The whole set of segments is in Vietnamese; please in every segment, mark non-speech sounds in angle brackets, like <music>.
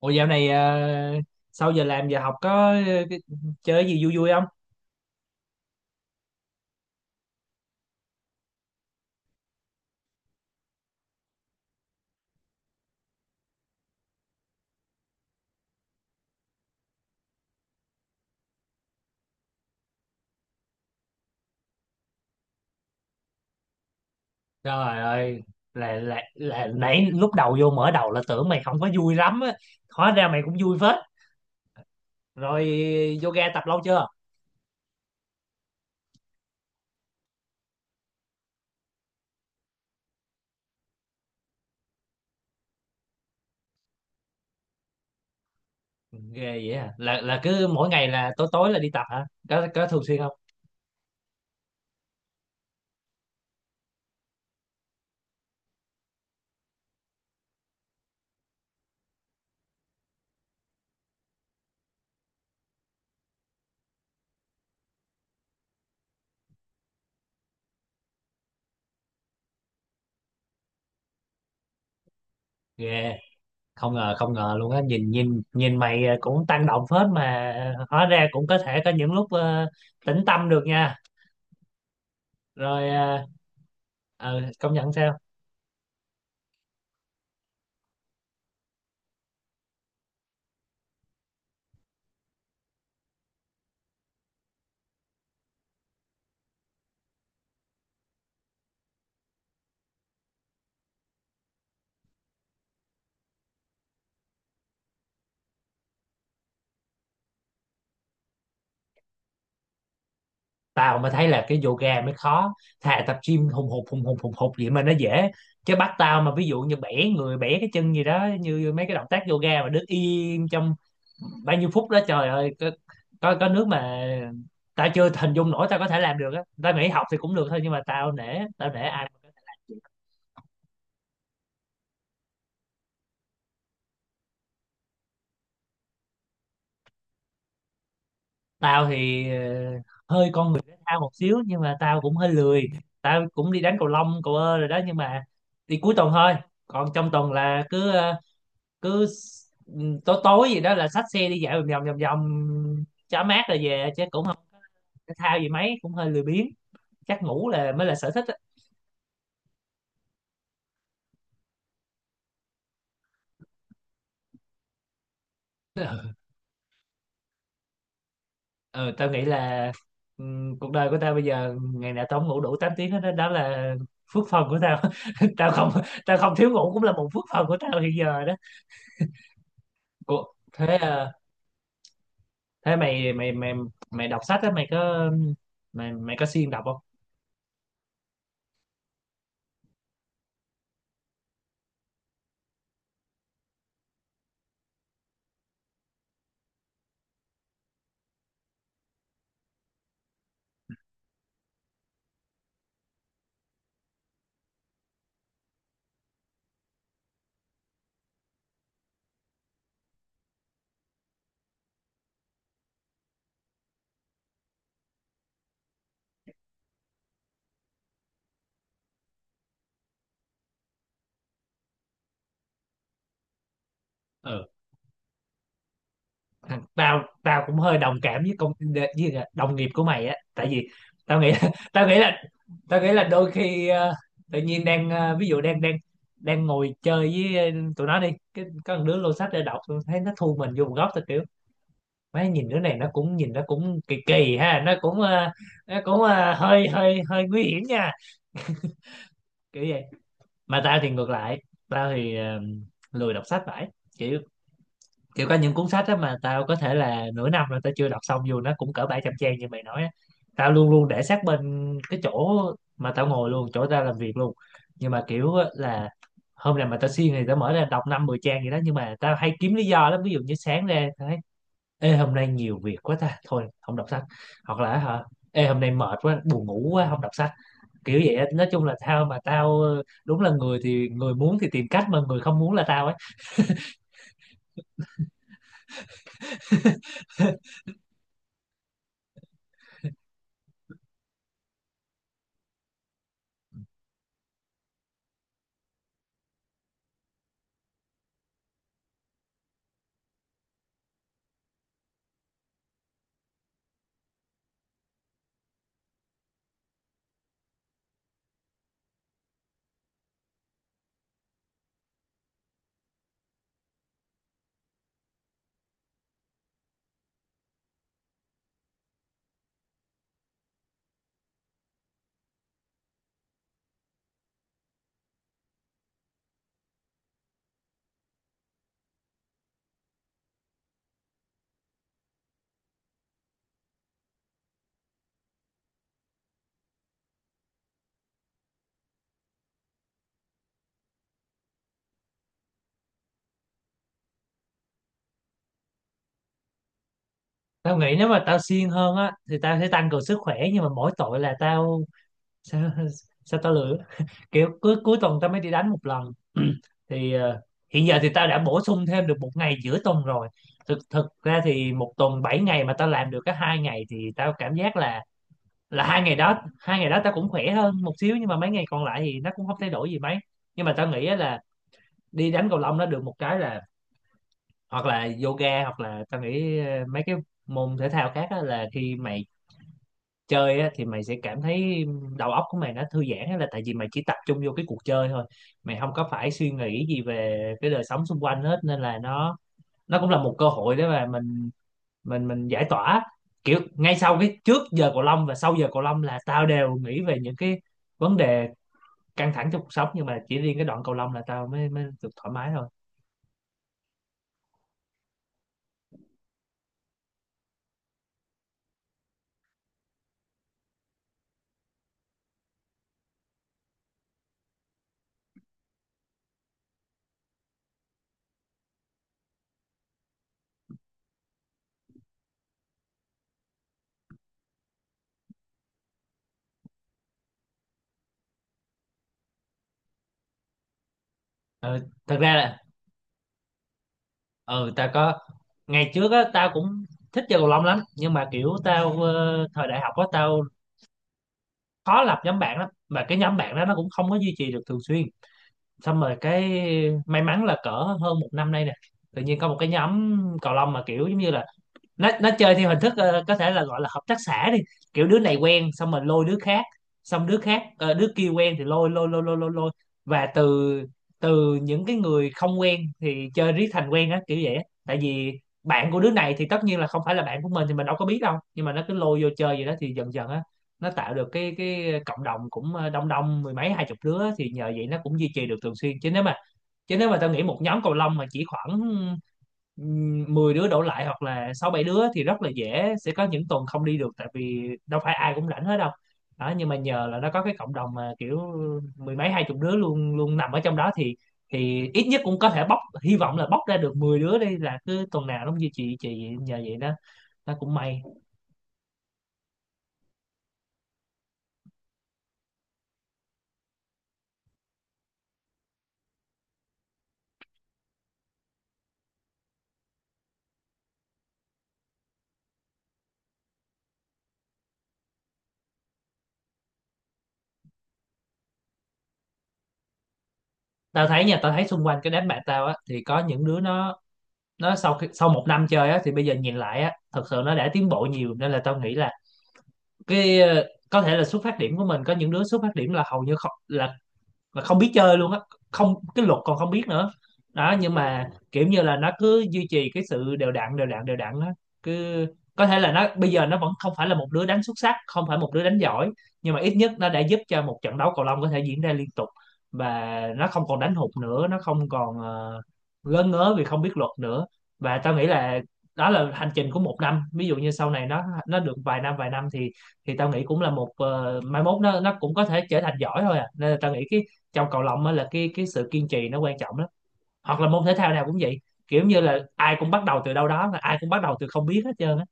Ủa, dạo này sau giờ làm giờ học có ờ, cái- chơi gì vui vui không? Trời ơi, là nãy lúc đầu vô mở đầu là tưởng mày không có vui lắm á, hóa ra mày cũng vui phết. Rồi, yoga tập lâu chưa? Ghê vậy à? Là cứ mỗi ngày là tối tối là đi tập hả? Có thường xuyên không? Ghê, không ngờ không ngờ luôn á, nhìn nhìn nhìn mày cũng tăng động phết mà hóa ra cũng có thể có những lúc tĩnh tâm được nha. Rồi, công nhận sao? Tao mới thấy là cái yoga mới khó, thà tập gym hùng hục hùng hục hùng hục vậy mà nó dễ. Chứ bắt tao mà ví dụ như bẻ người bẻ cái chân gì đó như mấy cái động tác yoga mà đứng im trong bao nhiêu phút đó, trời ơi, có nước mà tao chưa hình dung nổi tao có thể làm được á. Tao nghĩ học thì cũng được thôi nhưng mà tao nể, tao nể ai mà có thể làm được. Tao thì hơi con người thể thao một xíu nhưng mà tao cũng hơi lười. Tao cũng đi đánh cầu lông cầu rồi đó nhưng mà đi cuối tuần thôi, còn trong tuần là cứ cứ s- tối tối gì đó là xách xe đi dạo vòng vòng vòng vòng cho mát rồi về chứ cũng không thể thao gì mấy, cũng hơi lười biếng. Chắc ngủ là mới là sở thích á. Ừ, <laughs> ừ, tao nghĩ là cuộc đời của tao bây giờ ngày nào tao không ngủ đủ 8 tiếng hết đó, đó là phước phần của tao. <laughs> tao không Tao không thiếu ngủ cũng là một phước phần của tao hiện giờ đó. Ủa, thế à, thế mày mày mày mày đọc sách á mày có mày mày có siêng đọc không? Ừ. Thằng- tao tao cũng hơi đồng cảm với công với đồng nghiệp của mày á, tại vì tao nghĩ, <laughs> tao nghĩ là, tao nghĩ là đôi khi tự nhiên ví dụ đang đang đang ngồi chơi với tụi nó đi cái có một đứa lô sách để đọc, tôi thấy nó thu mình vô một góc, tao kiểu mấy nhìn đứa này, nó cũng nhìn nó cũng kỳ kỳ ha, nó cũng nó cũng ờ, hơi hơi hơi nguy hiểm nha, kiểu vậy. Mà tao thì ngược lại, tao thì lười đọc sách. Phải kiểu, kiểu có những cuốn sách á mà tao có thể là nửa năm rồi tao chưa đọc xong dù nó cũng cỡ 700 trang như mày nói á. Tao luôn luôn để sát bên cái chỗ mà tao ngồi luôn, chỗ tao làm việc luôn. Nhưng mà kiểu á là hôm nào mà tao siêng thì tao mở ra đọc năm 10 trang gì đó, nhưng mà tao hay kiếm lý do lắm. Ví dụ như sáng ra tao thấy, ê hôm nay nhiều việc quá ta, thôi không đọc sách. Hoặc là, hả, ê hôm nay mệt quá buồn ngủ quá không đọc sách. Kiểu vậy á. Nói chung là tao, mà tao đúng là người thì người muốn thì tìm cách, mà người không muốn là tao ấy. Tao nghĩ nếu mà tao siêng hơn á thì tao sẽ tăng cường sức khỏe, nhưng mà mỗi tội là tao <laughs> sao, sao tao lười, kiểu cuối cuối tuần tao mới đi đánh một lần. <clears throat> Thì hiện giờ thì tao đã bổ sung thêm được một ngày giữa tuần rồi. Thực thực ra thì một tuần 7 ngày mà tao làm được cái 2 ngày thì tao cảm giác là 2 ngày đó, 2 ngày đó tao cũng khỏe hơn một xíu, nhưng mà mấy ngày còn lại thì nó cũng không thay đổi gì mấy. Nhưng mà tao nghĩ á là đi đánh cầu lông nó được một cái là, hoặc là yoga, hoặc là tao nghĩ mấy cái môn thể thao khác á, là khi mày chơi á thì mày sẽ cảm thấy đầu óc của mày nó thư giãn á, là tại vì mày chỉ tập trung vô cái cuộc chơi thôi, mày không có phải suy nghĩ gì về cái đời sống xung quanh hết, nên là nó cũng là một cơ hội để mà mình mình giải tỏa. Kiểu ngay sau cái, trước giờ cầu lông và sau giờ cầu lông là tao đều nghĩ về những cái vấn đề căng thẳng trong cuộc sống, nhưng mà chỉ riêng cái đoạn cầu lông là tao mới, mới được thoải mái thôi. Ừ, thật ra là, ừ tao có. Ngày trước á tao cũng thích chơi cầu lông lắm, nhưng mà kiểu tao thời đại học á tao khó lập nhóm bạn lắm, mà cái nhóm bạn đó nó cũng không có duy trì được thường xuyên. Xong rồi cái may mắn là cỡ hơn một năm nay nè tự nhiên có một cái nhóm cầu lông mà kiểu giống như là, nó chơi theo hình thức có thể là gọi là hợp tác xã đi, kiểu đứa này quen xong mình lôi đứa khác, xong đứa khác đứa kia quen thì lôi lôi lôi lôi lôi lôi, và từ từ những cái người không quen thì chơi riết thành quen á, kiểu vậy á. Tại vì bạn của đứa này thì tất nhiên là không phải là bạn của mình thì mình đâu có biết đâu, nhưng mà nó cứ lôi vô chơi vậy đó thì dần dần á nó tạo được cái cộng đồng cũng đông, đông mười mấy hai chục đứa, thì nhờ vậy nó cũng duy trì được thường xuyên. Chứ nếu mà tao nghĩ một nhóm cầu lông mà chỉ khoảng 10 đứa đổ lại hoặc là 6 7 đứa thì rất là dễ sẽ có những tuần không đi được, tại vì đâu phải ai cũng rảnh hết đâu. Đó, nhưng mà nhờ là nó có cái cộng đồng mà kiểu mười mấy hai chục đứa luôn luôn nằm ở trong đó thì ít nhất cũng có thể bóc, hy vọng là bóc ra được 10 đứa đi, là cứ tuần nào nó cũng duy trì trì nhờ vậy đó, nó cũng may. Tao thấy nha, tao thấy xung quanh cái đám bạn tao á thì có những đứa nó sau khi, sau một năm chơi á thì bây giờ nhìn lại á thật sự nó đã tiến bộ nhiều, nên là tao nghĩ là cái, có thể là xuất phát điểm của mình, có những đứa xuất phát điểm là hầu như không, là là không biết chơi luôn á, không cái luật còn không biết nữa. Đó, nhưng mà kiểu như là nó cứ duy trì cái sự đều đặn, đều đặn, đều đặn á, cứ có thể là nó bây giờ nó vẫn không phải là một đứa đánh xuất sắc, không phải một đứa đánh giỏi, nhưng mà ít nhất nó đã giúp cho một trận đấu cầu lông có thể diễn ra liên tục, và nó không còn đánh hụt nữa, nó không còn ngớ ngớ vì không biết luật nữa. Và tao nghĩ là đó là hành trình của một năm. Ví dụ như sau này nó được vài năm, vài năm thì tao nghĩ cũng là một, mai mốt nó cũng có thể trở thành giỏi thôi à. Nên là tao nghĩ cái, trong cầu lông á là cái sự kiên trì nó quan trọng lắm, hoặc là môn thể thao nào cũng vậy, kiểu như là ai cũng bắt đầu từ đâu đó, mà ai cũng bắt đầu từ không biết hết trơn á.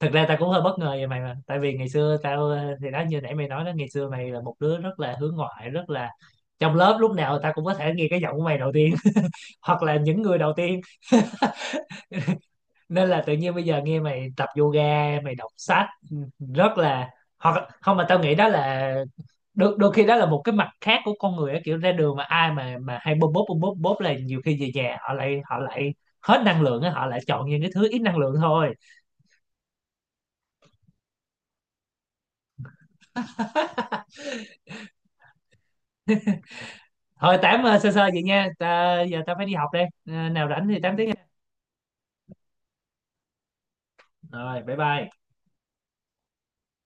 Thực ra tao cũng hơi bất ngờ về mày mà, tại vì ngày xưa tao thì đó như nãy mày nói đó, ngày xưa mày là một đứa rất là hướng ngoại, rất là, trong lớp lúc nào tao cũng có thể nghe cái giọng của mày đầu tiên, <laughs> hoặc là những người đầu tiên. <laughs> Nên là tự nhiên bây giờ nghe mày tập yoga, mày đọc sách, ừ, rất là, hoặc không mà tao nghĩ đó là đôi khi đó là một cái mặt khác của con người á, kiểu ra đường mà ai mà hay bóp bóp bóp bóp bóp là nhiều khi về nhà họ lại, hết năng lượng á, họ lại chọn những cái thứ ít năng lượng thôi. <laughs> Thôi tám sơ sơ vậy nha ta, giờ ta phải đi học đây. Ờ, nào rảnh thì 8 tiếng nha. Rồi, bye bye.